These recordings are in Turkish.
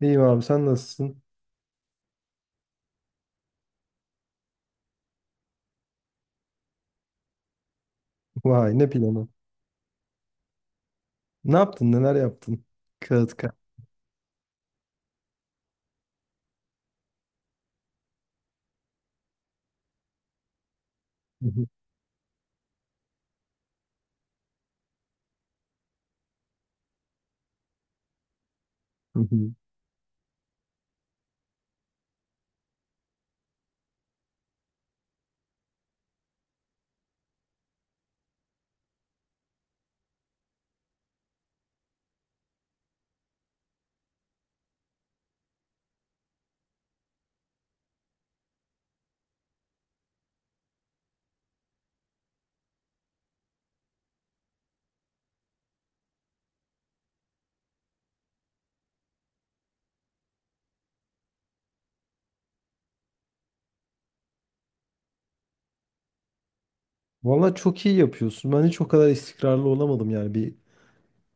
İyiyim abi sen nasılsın? Vay ne planı. Ne yaptın neler yaptın? Kağıt kağıt. Hı hı, hı hı. Vallahi çok iyi yapıyorsun. Ben hiç o kadar istikrarlı olamadım, yani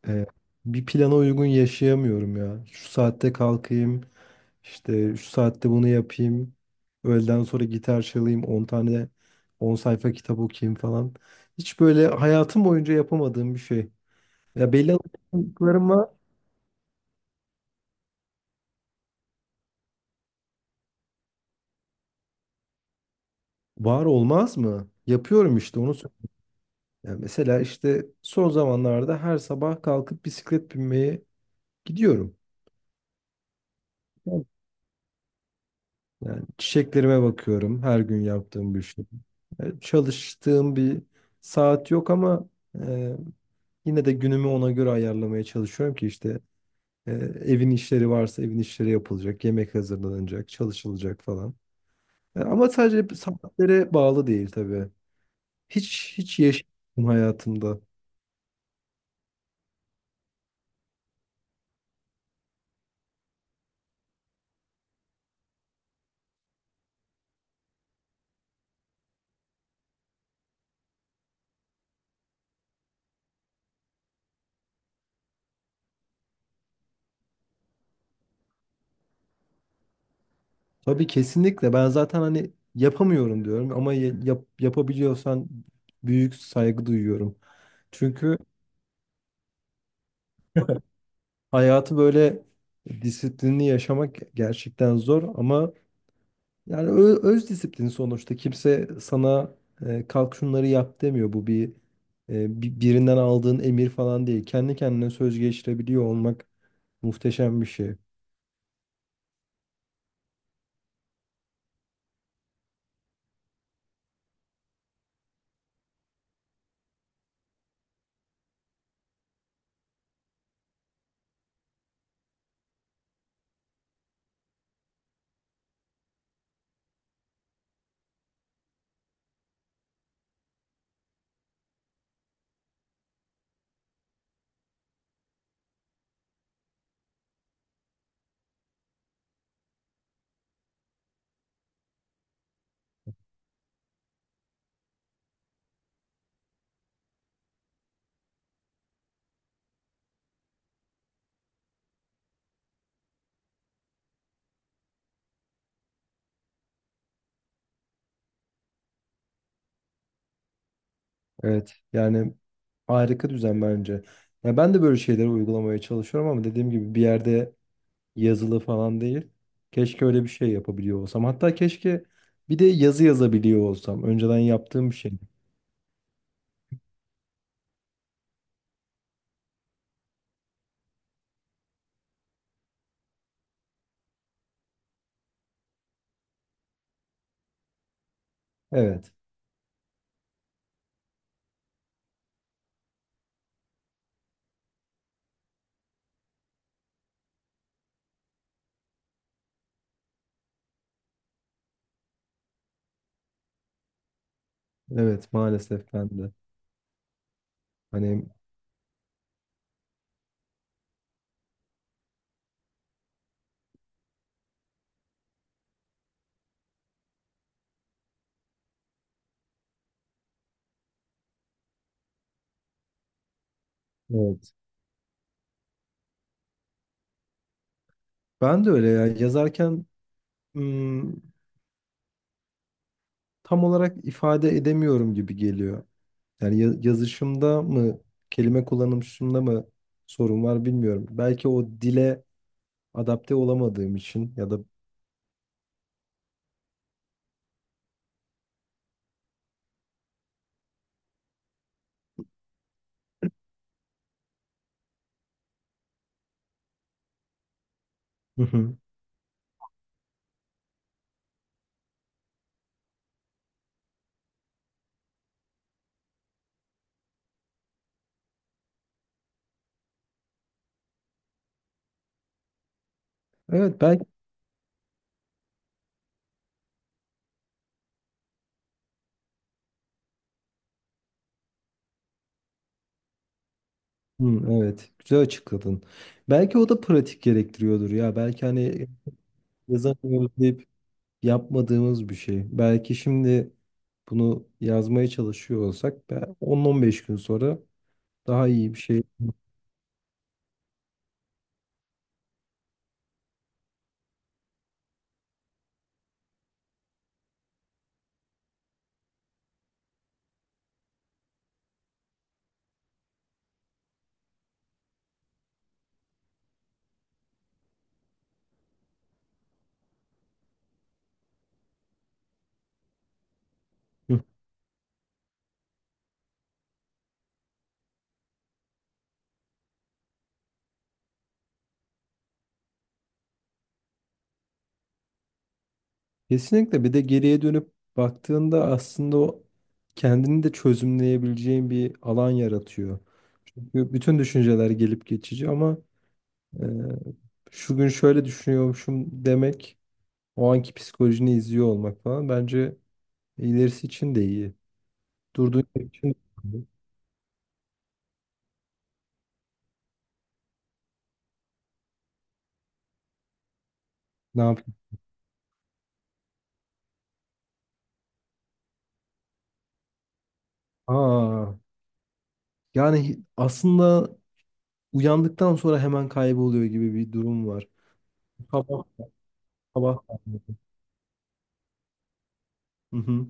e, bir plana uygun yaşayamıyorum ya. Şu saatte kalkayım, işte şu saatte bunu yapayım. Öğleden sonra gitar çalayım, 10 sayfa kitap okuyayım falan. Hiç böyle hayatım boyunca yapamadığım bir şey. Ya belli alışkanlıklarım var. Var olmaz mı? Yapıyorum işte onu. Ya mesela işte son zamanlarda her sabah kalkıp bisiklet binmeye gidiyorum. Yani çiçeklerime bakıyorum, her gün yaptığım bir şey. Yani çalıştığım bir saat yok, ama e, yine de günümü ona göre ayarlamaya çalışıyorum ki işte e, evin işleri varsa evin işleri yapılacak, yemek hazırlanacak, çalışılacak falan. Ama sadece saatlere bağlı değil tabii. Hiç hiç yaşadım hayatımda. Tabii, kesinlikle. Ben zaten hani yapamıyorum diyorum ama yap, yapabiliyorsan büyük saygı duyuyorum. Çünkü hayatı böyle disiplinli yaşamak gerçekten zor, ama yani öz disiplin sonuçta. Kimse sana kalk şunları yap demiyor. Bu bir birinden aldığın emir falan değil. Kendi kendine söz geçirebiliyor olmak muhteşem bir şey. Evet. Yani harika düzen bence. Ya ben de böyle şeyleri uygulamaya çalışıyorum ama dediğim gibi bir yerde yazılı falan değil. Keşke öyle bir şey yapabiliyor olsam. Hatta keşke bir de yazı yazabiliyor olsam. Önceden yaptığım bir şey. Evet. Evet, maalesef ben de. Hani evet. Ben de öyle ya, yazarken ım, tam olarak ifade edemiyorum gibi geliyor. Yani yazışımda mı, kelime kullanışımda mı sorun var bilmiyorum. Belki o dile adapte olamadığım için, ya da... Hı hı. Evet, belki. Hı, evet, güzel açıkladın. Belki o da pratik gerektiriyordur ya. Belki hani yazamıyoruz deyip yapmadığımız bir şey. Belki şimdi bunu yazmaya çalışıyor olsak, 10-15 gün sonra daha iyi bir şey. Kesinlikle, bir de geriye dönüp baktığında aslında o kendini de çözümleyebileceğin bir alan yaratıyor. Çünkü bütün düşünceler gelip geçici, ama e, şu gün şöyle düşünüyormuşum demek, o anki psikolojini izliyor olmak falan, bence ilerisi için de iyi. Durduğun yer için de iyi. Ne yapayım? Aa, yani aslında uyandıktan sonra hemen kayboluyor gibi bir durum var. Sabah sabah. Hı hı,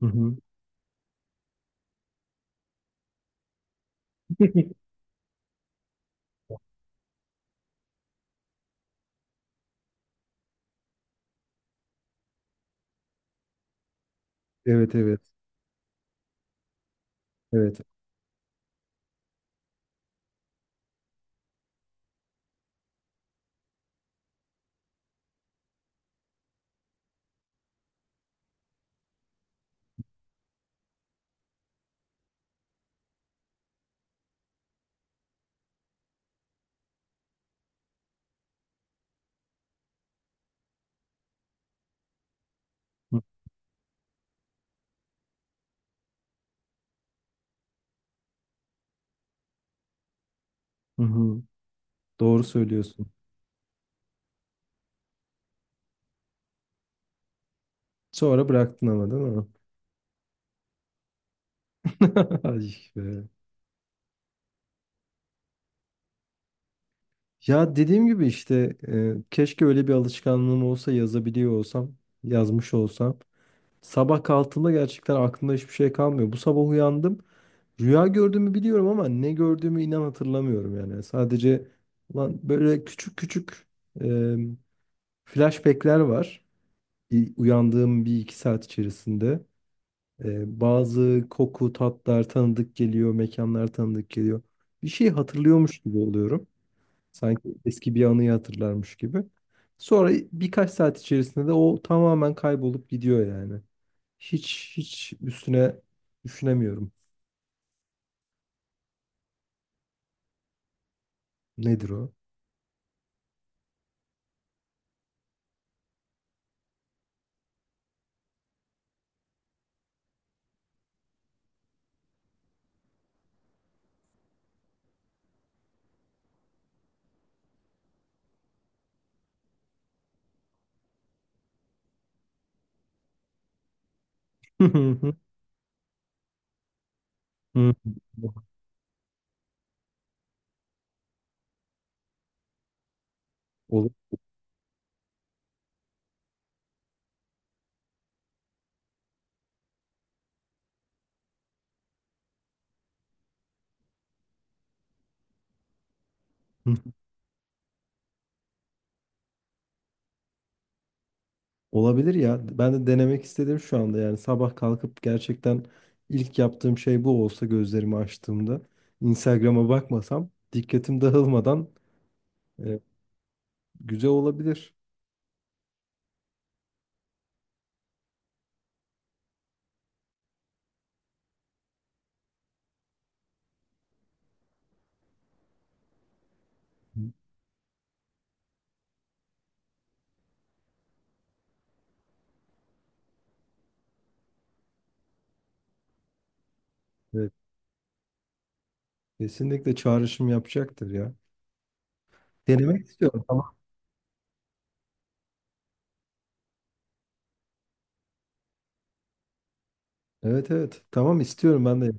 hı hı. Evet evet. Evet. Hı hı. Doğru söylüyorsun. Sonra bıraktın ama değil mi? Ay be. Ya dediğim gibi işte, keşke öyle bir alışkanlığım olsa, yazabiliyor olsam, yazmış olsam. Sabah kalktığımda gerçekten aklımda hiçbir şey kalmıyor. Bu sabah uyandım. Rüya gördüğümü biliyorum ama ne gördüğümü inan hatırlamıyorum yani. Sadece lan böyle küçük küçük e, flashbackler var. Uyandığım bir iki saat içerisinde. Bazı koku, tatlar tanıdık geliyor, mekanlar tanıdık geliyor. Bir şey hatırlıyormuş gibi oluyorum. Sanki eski bir anıyı hatırlarmış gibi. Sonra birkaç saat içerisinde de o tamamen kaybolup gidiyor yani. Hiç hiç üstüne düşünemiyorum. Nedir o? Ol- Olabilir ya. Ben de denemek istedim şu anda, yani sabah kalkıp gerçekten ilk yaptığım şey bu olsa, gözlerimi açtığımda Instagram'a bakmasam, dikkatim dağılmadan... Evet, güzel olabilir. Evet, kesinlikle çağrışım yapacaktır ya. Denemek istiyorum. Tamam. Evet evet. Tamam, istiyorum ben de.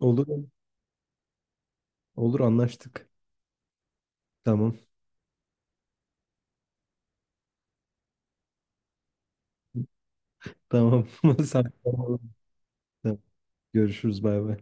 Olur. Olur, anlaştık. Tamam. Tamam. Sen- Tamam. Görüşürüz, bay bay.